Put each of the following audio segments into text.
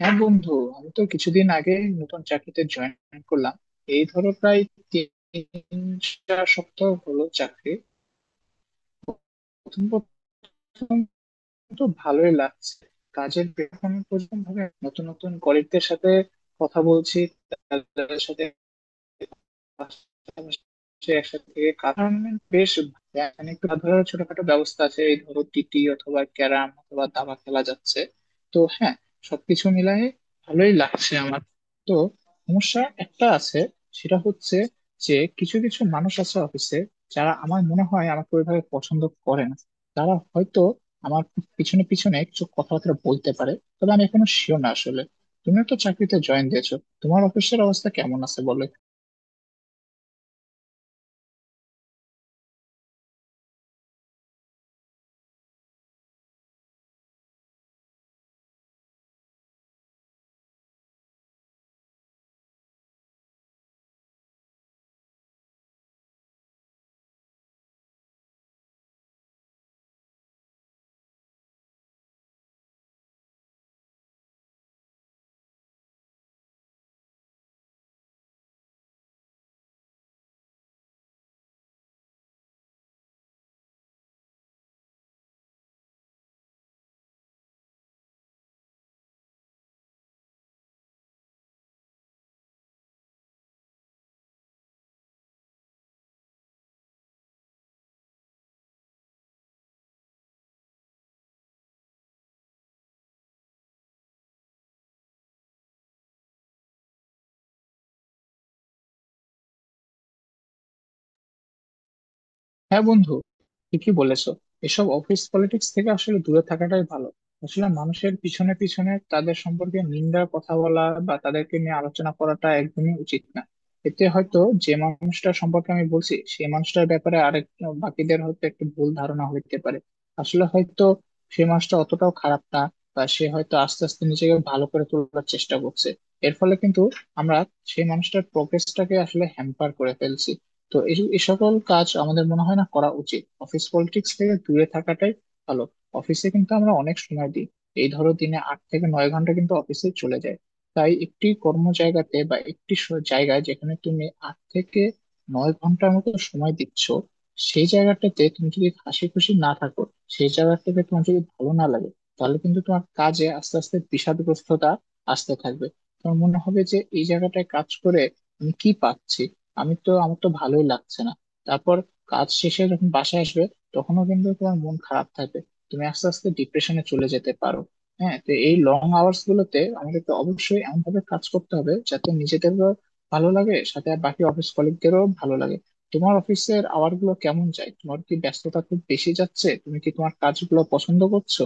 হ্যাঁ বন্ধু, আমি তো কিছুদিন আগে নতুন চাকরিতে জয়েন করলাম। এই ধরো প্রায় 3 4 সপ্তাহ হলো চাকরি। প্রথম প্রথম তো ভালোই লাগছে। কাজের এখন পর্যন্ত ভাবে নতুন নতুন কলিগদের সাথে কথা বলছি, তাদের সাথে পাশাপাশি একসাথে থেকে কাজ করার মানে বেশ, মানে একটু ধরো ছোটখাটো ব্যবস্থা আছে, এই ধরো টিটি অথবা ক্যারাম অথবা দাবা খেলা যাচ্ছে। তো হ্যাঁ, সবকিছু মিলায়ে ভালোই লাগছে আমার। তো সমস্যা একটা আছে, সেটা হচ্ছে যে কিছু কিছু মানুষ আছে অফিসে, যারা আমার মনে হয় আমাকে ওইভাবে পছন্দ করে না। তারা হয়তো আমার পিছনে পিছনে কিছু কথাবার্তা বলতে পারে, তবে আমি এখনো শিওর না আসলে। তুমিও তো চাকরিতে জয়েন দিয়েছো, তোমার অফিসের অবস্থা কেমন আছে বলো। হ্যাঁ বন্ধু, ঠিকই বলেছো। এসব অফিস পলিটিক্স থেকে আসলে দূরে থাকাটাই ভালো। আসলে মানুষের পিছনে পিছনে তাদের সম্পর্কে নিন্দা কথা বলা বা তাদেরকে নিয়ে আলোচনা করাটা একদমই উচিত না। এতে হয়তো যে মানুষটার সম্পর্কে আমি বলছি, সেই মানুষটার ব্যাপারে আরেক বাকিদের হয়তো একটু ভুল ধারণা হইতে পারে। আসলে হয়তো সেই মানুষটা অতটাও খারাপ না, বা সে হয়তো আস্তে আস্তে নিজেকে ভালো করে তোলার চেষ্টা করছে। এর ফলে কিন্তু আমরা সেই মানুষটার প্রোগ্রেসটাকে আসলে হ্যাম্পার করে ফেলছি। তো এই এই সকল কাজ আমাদের মনে হয় না করা উচিত, অফিস পলিটিক্স থেকে দূরে থাকাটাই ভালো। অফিসে কিন্তু আমরা অনেক সময় দিই, এই ধরো দিনে 8 থেকে 9 ঘন্টা কিন্তু অফিসে চলে যায়। তাই একটি কর্ম জায়গাতে বা একটি জায়গায়, যেখানে তুমি 8 থেকে 9 ঘন্টার মতো সময় দিচ্ছ, সেই জায়গাটাতে তুমি যদি হাসি খুশি না থাকো, সেই জায়গাটাকে তোমার যদি ভালো না লাগে, তাহলে কিন্তু তোমার কাজে আস্তে আস্তে বিষাদগ্রস্ততা আসতে থাকবে। তোমার মনে হবে যে এই জায়গাটায় কাজ করে আমি কি পাচ্ছি, আমি তো আমার তো ভালোই লাগছে না। তারপর কাজ শেষে যখন বাসায় আসবে, তখনও কিন্তু তোমার মন খারাপ থাকবে। তুমি আস্তে আস্তে ডিপ্রেশনে চলে যেতে পারো। হ্যাঁ, তো এই লং আওয়ার্স গুলোতে আমাদেরকে অবশ্যই এমন ভাবে কাজ করতে হবে যাতে নিজেদেরও ভালো লাগে, সাথে আর বাকি অফিস কলিগদেরও ভালো লাগে। তোমার অফিসের আওয়ার গুলো কেমন যায়? তোমার কি ব্যস্ততা খুব বেশি যাচ্ছে? তুমি কি তোমার কাজগুলো পছন্দ করছো?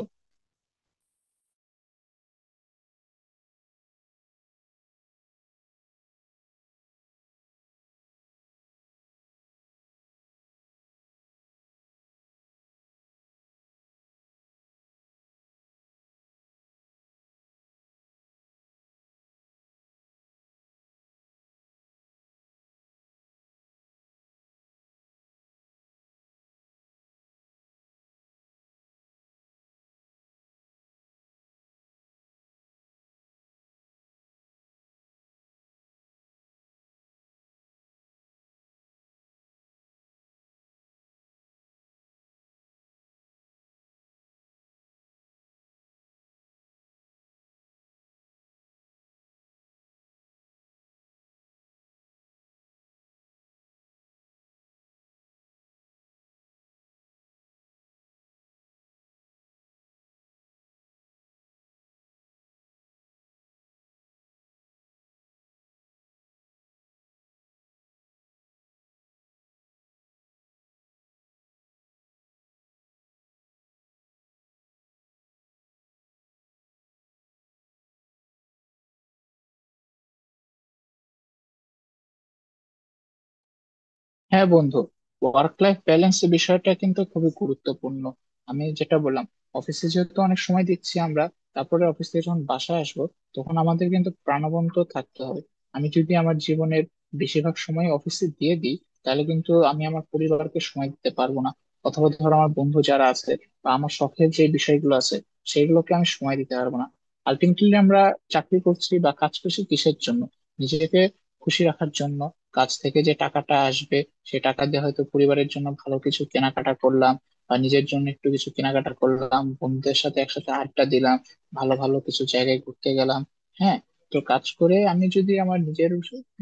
হ্যাঁ বন্ধু, ওয়ার্ক লাইফ ব্যালেন্স বিষয়টা কিন্তু খুবই গুরুত্বপূর্ণ। আমি যেটা বললাম, অফিসে যেহেতু অনেক সময় দিচ্ছি আমরা, তারপরে অফিস থেকে যখন বাসায় আসবো, তখন আমাদের কিন্তু প্রাণবন্ত থাকতে হবে। আমি যদি আমার জীবনের বেশিরভাগ সময় অফিসে দিয়ে দিই, তাহলে কিন্তু আমি আমার পরিবারকে সময় দিতে পারবো না, অথবা ধরো আমার বন্ধু যারা আছে বা আমার শখের যে বিষয়গুলো আছে, সেগুলোকে আমি সময় দিতে পারবো না। আলটিমেটলি আমরা চাকরি করছি বা কাজ করছি কিসের জন্য? নিজেকে খুশি রাখার জন্য। কাজ থেকে যে টাকাটা আসবে, সে টাকা দিয়ে হয়তো পরিবারের জন্য ভালো কিছু কেনাকাটা করলাম, বা নিজের জন্য একটু কিছু কেনাকাটা করলাম, বন্ধুদের সাথে একসাথে আড্ডা দিলাম, ভালো ভালো কিছু জায়গায় ঘুরতে গেলাম। হ্যাঁ, তো কাজ করে আমি যদি আমার নিজের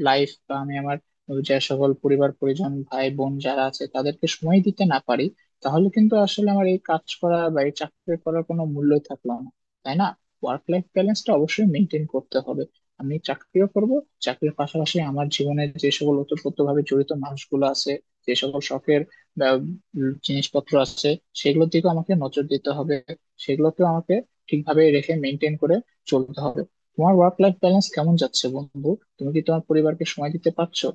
লাইফ বা আমি আমার যে সকল পরিবার পরিজন ভাই বোন যারা আছে তাদেরকে সময় দিতে না পারি, তাহলে কিন্তু আসলে আমার এই কাজ করা বা এই চাকরি করার কোনো মূল্যই থাকলো না, তাই না? ওয়ার্ক লাইফ ব্যালেন্সটা অবশ্যই মেনটেন করতে হবে। আমি চাকরিও করব, চাকরির পাশাপাশি আমার জীবনে যে সকল ওতপ্রোত ভাবে জড়িত মানুষগুলো আছে, যে সকল শখের আহ, জিনিসপত্র আছে, সেগুলোর দিকেও আমাকে নজর দিতে হবে। সেগুলোকেও আমাকে ঠিকভাবে রেখে মেনটেন করে চলতে হবে। তোমার ওয়ার্ক লাইফ ব্যালেন্স কেমন যাচ্ছে বন্ধু? তুমি কি তোমার পরিবারকে সময় দিতে পারছো?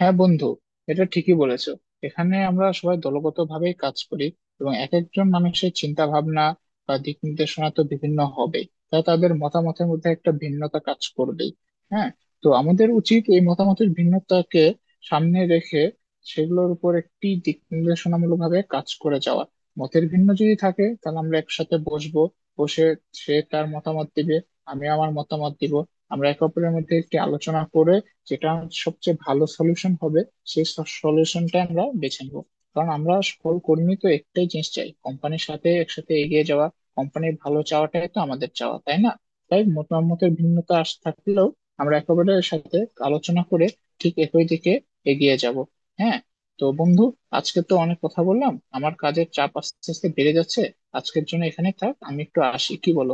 হ্যাঁ বন্ধু, এটা ঠিকই বলেছো। এখানে আমরা সবাই দলগতভাবে কাজ করি, এবং এক একজন মানুষের চিন্তা ভাবনা বা দিক নির্দেশনা তো বিভিন্ন হবে। তা তাদের মতামতের মধ্যে একটা ভিন্নতা কাজ করবেই। হ্যাঁ, তো আমাদের উচিত এই মতামতের ভিন্নতাকে সামনে রেখে সেগুলোর উপর একটি দিক নির্দেশনামূলক ভাবে কাজ করে যাওয়া। মতের ভিন্ন যদি থাকে তাহলে আমরা একসাথে বসবো, বসে সে তার মতামত দিবে, আমি আমার মতামত দিব, আমরা একে অপরের মধ্যে একটি আলোচনা করে যেটা সবচেয়ে ভালো সলিউশন হবে, সেই সলিউশনটা আমরা বেছে নেব। কারণ আমরা সকল কর্মী তো একটাই জিনিস চাই, কোম্পানির সাথে একসাথে এগিয়ে যাওয়া। কোম্পানির ভালো চাওয়াটাই তো আমাদের চাওয়া, তাই না? তাই মতামতের ভিন্নতা আস থাকলেও আমরা একেবারে সাথে আলোচনা করে ঠিক একই দিকে এগিয়ে যাব। হ্যাঁ, তো বন্ধু, আজকে তো অনেক কথা বললাম, আমার কাজের চাপ আস্তে আস্তে বেড়ে যাচ্ছে। আজকের জন্য এখানে থাক, আমি একটু আসি, কি বলো?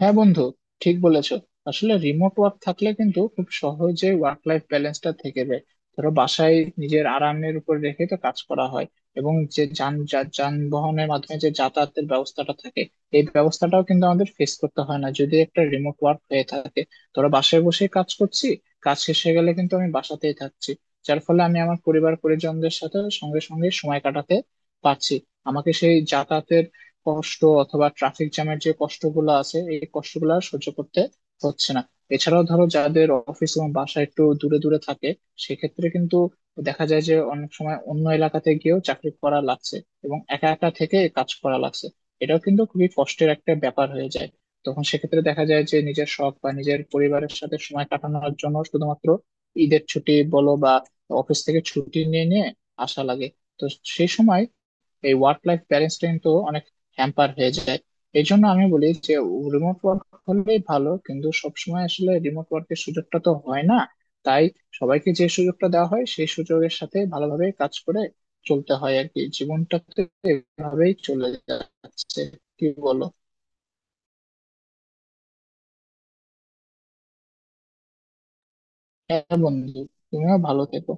হ্যাঁ বন্ধু, ঠিক বলেছো। আসলে রিমোট ওয়ার্ক থাকলে কিন্তু খুব সহজে ওয়ার্ক লাইফ ব্যালেন্সটা থেকে যায়। ধরো বাসায় নিজের আরামের উপর রেখে তো কাজ করা হয়, এবং যে যান যানবাহনের মাধ্যমে যে যাতায়াতের ব্যবস্থাটা থাকে, এই ব্যবস্থাটাও কিন্তু আমাদের ফেস করতে হয় না যদি একটা রিমোট ওয়ার্ক হয়ে থাকে। ধরো বাসায় বসে কাজ করছি, কাজ শেষ হয়ে গেলে কিন্তু আমি বাসাতেই থাকছি, যার ফলে আমি আমার পরিবার পরিজনদের সাথে সঙ্গে সঙ্গে সময় কাটাতে পারছি। আমাকে সেই যাতায়াতের কষ্ট অথবা ট্রাফিক জ্যামের যে কষ্টগুলো আছে, এই কষ্টগুলো আর সহ্য করতে হচ্ছে না। এছাড়াও ধরো যাদের অফিস এবং বাসা একটু দূরে দূরে থাকে, সেক্ষেত্রে কিন্তু দেখা যায় যে অনেক সময় অন্য এলাকাতে গিয়েও চাকরি করা লাগছে, এবং একা একা থেকে কাজ করা লাগছে। এটাও কিন্তু খুবই কষ্টের একটা ব্যাপার হয়ে যায়। তখন সেক্ষেত্রে দেখা যায় যে নিজের শখ বা নিজের পরিবারের সাথে সময় কাটানোর জন্য শুধুমাত্র ঈদের ছুটি বলো, বা অফিস থেকে ছুটি নিয়ে নিয়ে আসা লাগে। তো সেই সময় এই ওয়ার্ক লাইফ ব্যালেন্স কিন্তু অনেক হ্যাম্পার হয়ে যায়। এই জন্য আমি বলি যে রিমোট ওয়ার্ক হলেই ভালো, কিন্তু সবসময় আসলে রিমোট ওয়ার্কের সুযোগটা তো হয় না। তাই সবাইকে যে সুযোগটা দেওয়া হয় সেই সুযোগের সাথে ভালোভাবে কাজ করে চলতে হয় আর কি। জীবনটাতে এভাবেই চলে যাচ্ছে, কি বলো? হ্যাঁ বন্ধু, তুমিও ভালো থেকো।